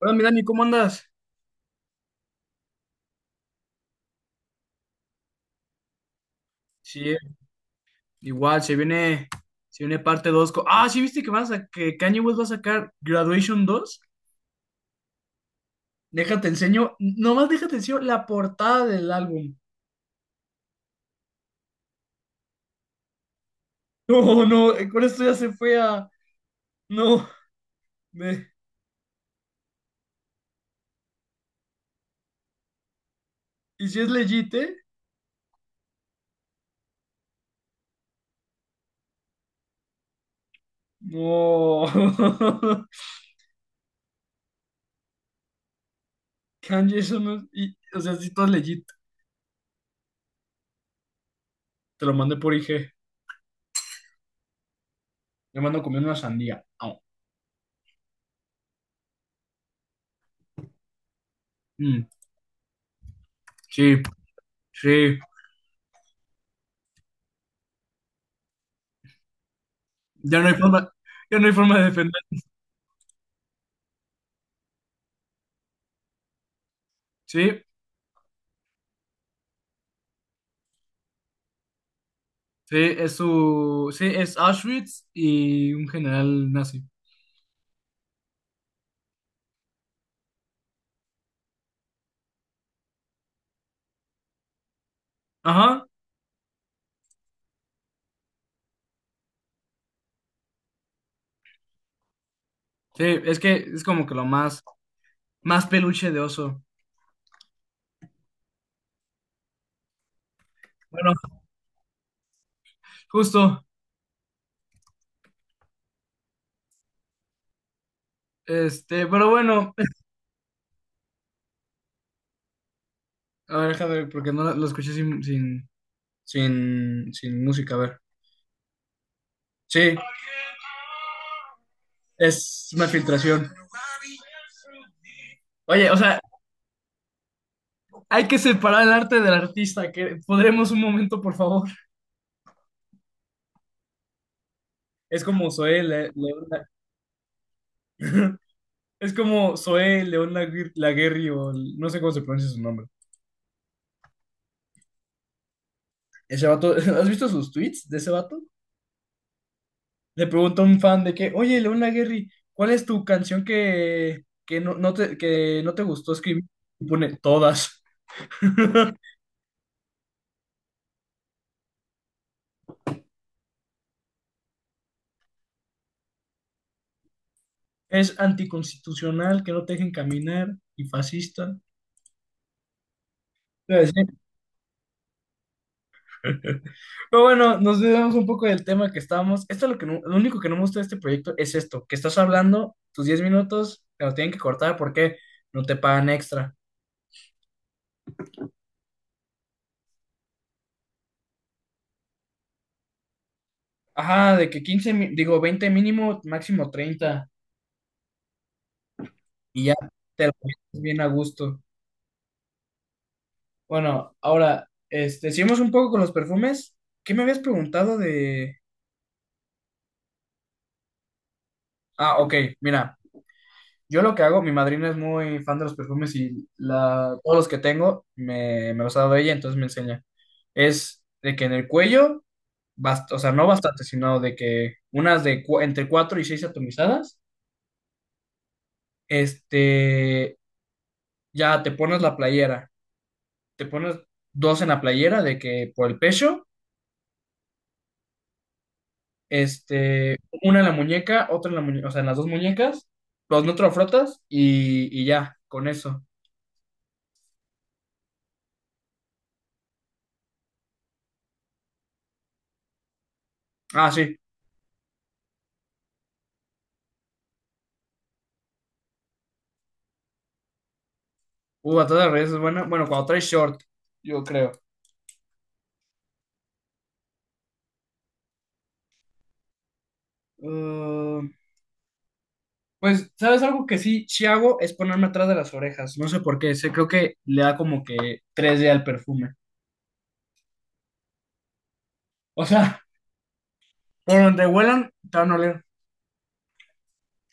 Hola, mi Dani, ¿cómo andas? Sí, igual, se viene parte 2. Ah, sí, viste que van a que Kanye West va a sacar Graduation 2. Déjate enseño, nomás déjate enseño la portada del álbum. No, no, con esto ya se fue a. No, me- ¿y si es legit, eh? No. Kanye, eso no es. O sea, si todo es legit. Te lo mandé por IG. Le mando comiendo una sandía. Au. Mm, sí, sí. Ya no hay forma, ya no hay forma de defender. Sí, sí, es su, sí, es Auschwitz y un general nazi. Ajá, sí, es que es como que más peluche de oso. Bueno, justo, pero bueno, a ver, déjame ver, porque no lo escuché sin música, a ver. Sí, es una filtración. Oye, o sea, hay que separar el arte del artista, que podremos un momento, por favor. Es como Zoé, es como Zoé León Laguerri, o no sé cómo se pronuncia su nombre. Ese vato, ¿has visto sus tweets de ese vato? Le pregunta a un fan de que, oye, León Laguerri, ¿cuál es tu canción no, que no te gustó escribir? Y pone todas. Es anticonstitucional, que no te dejen caminar y fascista. Te iba a decir. Pero bueno, nos debemos un poco del tema que estábamos. Esto es lo que lo único que no me gusta de este proyecto es esto, que estás hablando tus 10 minutos, te lo tienen que cortar porque no te pagan extra. Ajá, de que digo 20 mínimo, máximo 30, y ya te la pasas bien a gusto. Bueno, ahora, seguimos un poco con los perfumes. ¿Qué me habías preguntado de…? Ah, ok, mira, yo lo que hago, mi madrina es muy fan de los perfumes y todos los que tengo me los ha dado ella, entonces me enseña. Es de que en el cuello, o sea, no bastante, sino de que unas de entre 4 y 6 atomizadas, este, ya te pones la playera, te pones dos en la playera de que por el pecho. Una en la muñeca, otra en la muñeca, o sea, en las dos muñecas, los neutrofrotas y ya, con eso. Ah, sí. Batalla de redes es buena. Bueno, cuando traes short, yo creo. Uh, pues, ¿sabes algo que sí hago? Es ponerme atrás de las orejas. No sé por qué. Sé, creo que le da como que 3D al perfume. O sea, por donde huelan, te van a oler.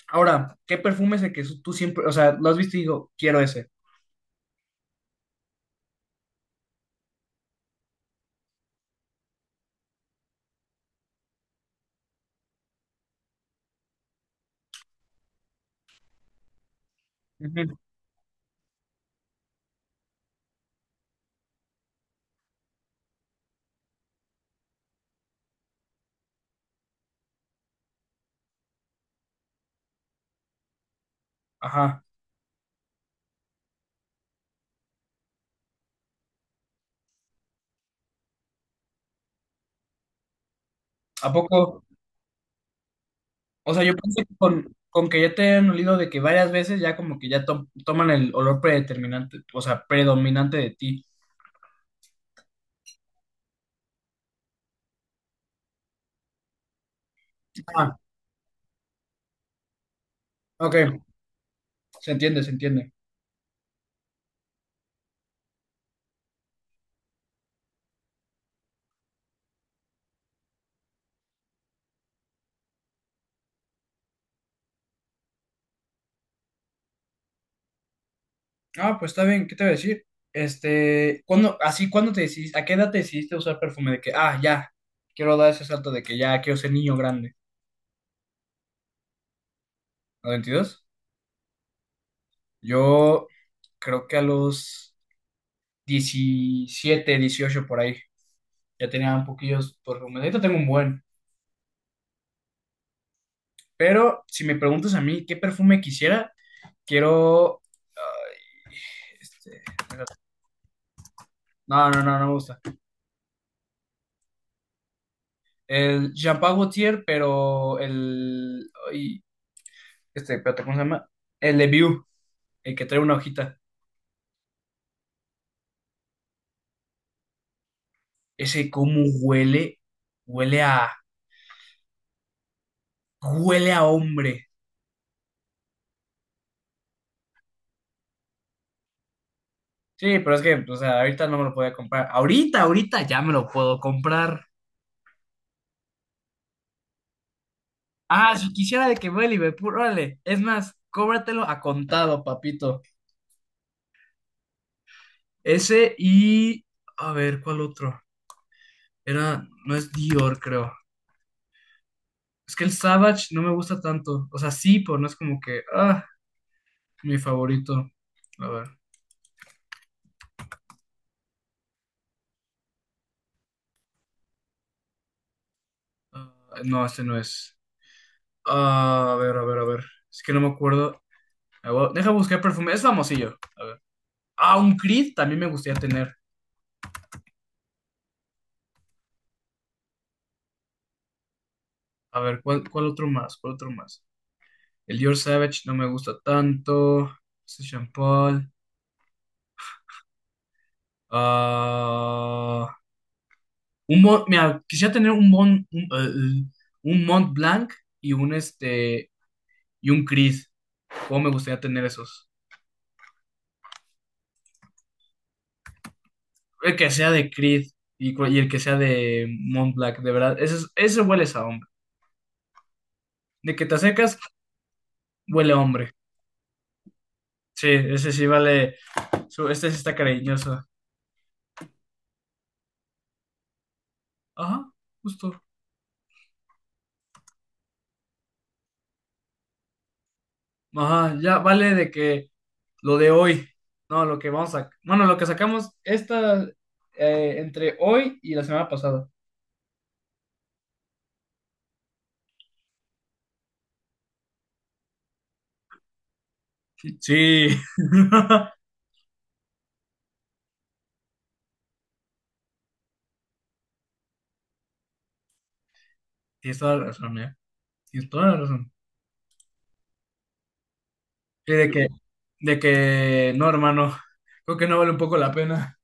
Ahora, ¿qué perfume es el que tú siempre, o sea, lo has visto y digo, quiero ese? Ujú. Ajá. ¿A poco? O sea, yo pienso que con que ya te hayan olido de que varias veces ya como que ya toman el olor predeterminante, o sea, predominante de ti. Ah, ok, se entiende, se entiende. Ah, pues está bien, ¿qué te voy a decir? Este, ¿cuándo, así, cuándo te decidiste, a qué edad te decidiste usar perfume? De que, ah, ya, quiero dar ese salto de que ya quiero ser niño grande. ¿A 22? Yo creo que a los 17, 18 por ahí, ya tenía un poquillos perfume. Ahorita tengo un buen. Pero si me preguntas a mí qué perfume quisiera, quiero. Ay, este, no, no, no, no me gusta. El Jean-Paul Gaultier, pero el. Ay, espérate, ¿cómo se llama? El de View, el que trae una hojita. Ese, ¿cómo huele? Huele a. Huele a hombre. Sí, pero es que, o sea, ahorita no me lo podía comprar. Ahorita, ahorita ya me lo puedo comprar. Ah, si quisiera de que voy a Liverpool, órale. Es más, cóbratelo a contado, papito. Ese y. A ver, ¿cuál otro? Era, no es Dior, creo. Es que el Savage no me gusta tanto. O sea, sí, pero no es como que, ah, mi favorito. A ver. Ah, no, este no es. Ah, a ver, a ver, a ver. Es que no me acuerdo. Ah, bueno, deja buscar perfume. Es famosillo. A ver. Ah, un Creed también me gustaría tener. A ver, ¿cuál otro más? ¿Cuál otro más? El Dior Savage no me gusta tanto. Este Jean Paul. Ah, un mira, quisiera tener un un Mont Blanc y un y un Creed. ¿Cómo me gustaría tener esos? El que sea de Creed y el que sea de Montblanc de verdad. Ese, ese huele a hombre. De que te acercas, huele a hombre. Sí, ese sí vale. Este sí está cariñoso. Ajá, justo. Ajá, ya vale de que lo de hoy. No, lo que vamos a. Bueno, lo que sacamos esta entre hoy y la semana pasada. Sí. Tienes toda la razón, ¿eh? Tienes toda la razón. Sí, de que, no, hermano, creo que no vale un poco la pena.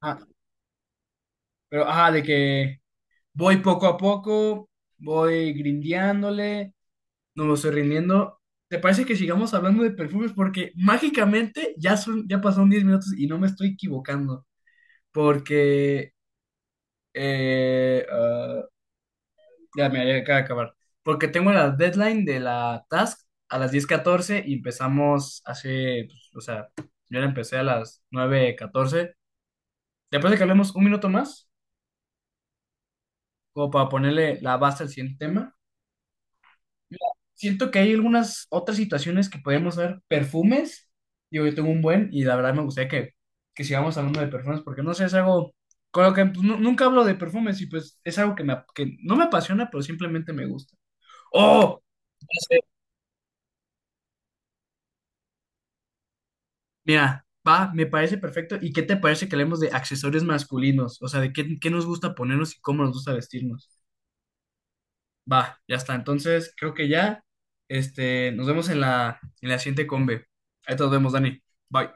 Ah, pero, ajá, de que voy poco a poco, voy grindeándole, no me estoy rindiendo. ¿Te parece que sigamos hablando de perfumes? Porque mágicamente ya son, ya pasaron 10 minutos y no me estoy equivocando. Porque, eh, ah, ya, mira, ya acaba de acabar. Porque tengo la deadline de la task a las 10:14 y empezamos hace, pues, o sea, yo la empecé a las 9:14. ¿Te parece que hablemos un minuto más? Como para ponerle la base al siguiente tema. Mira, siento que hay algunas otras situaciones que podemos ver. Perfumes. Digo, yo tengo un buen y la verdad me gustaría que sigamos hablando de perfumes porque no sé, es algo con lo que pues, nunca hablo de perfumes y pues es algo que no me apasiona, pero simplemente me gusta. ¡Oh! Ya sé. Mira, va, me parece perfecto. ¿Y qué te parece que hablemos de accesorios masculinos? O sea, de qué, qué nos gusta ponernos y cómo nos gusta vestirnos. Va, ya está. Entonces, creo que ya, nos vemos en en la siguiente combe. Ahí te nos vemos, Dani. Bye.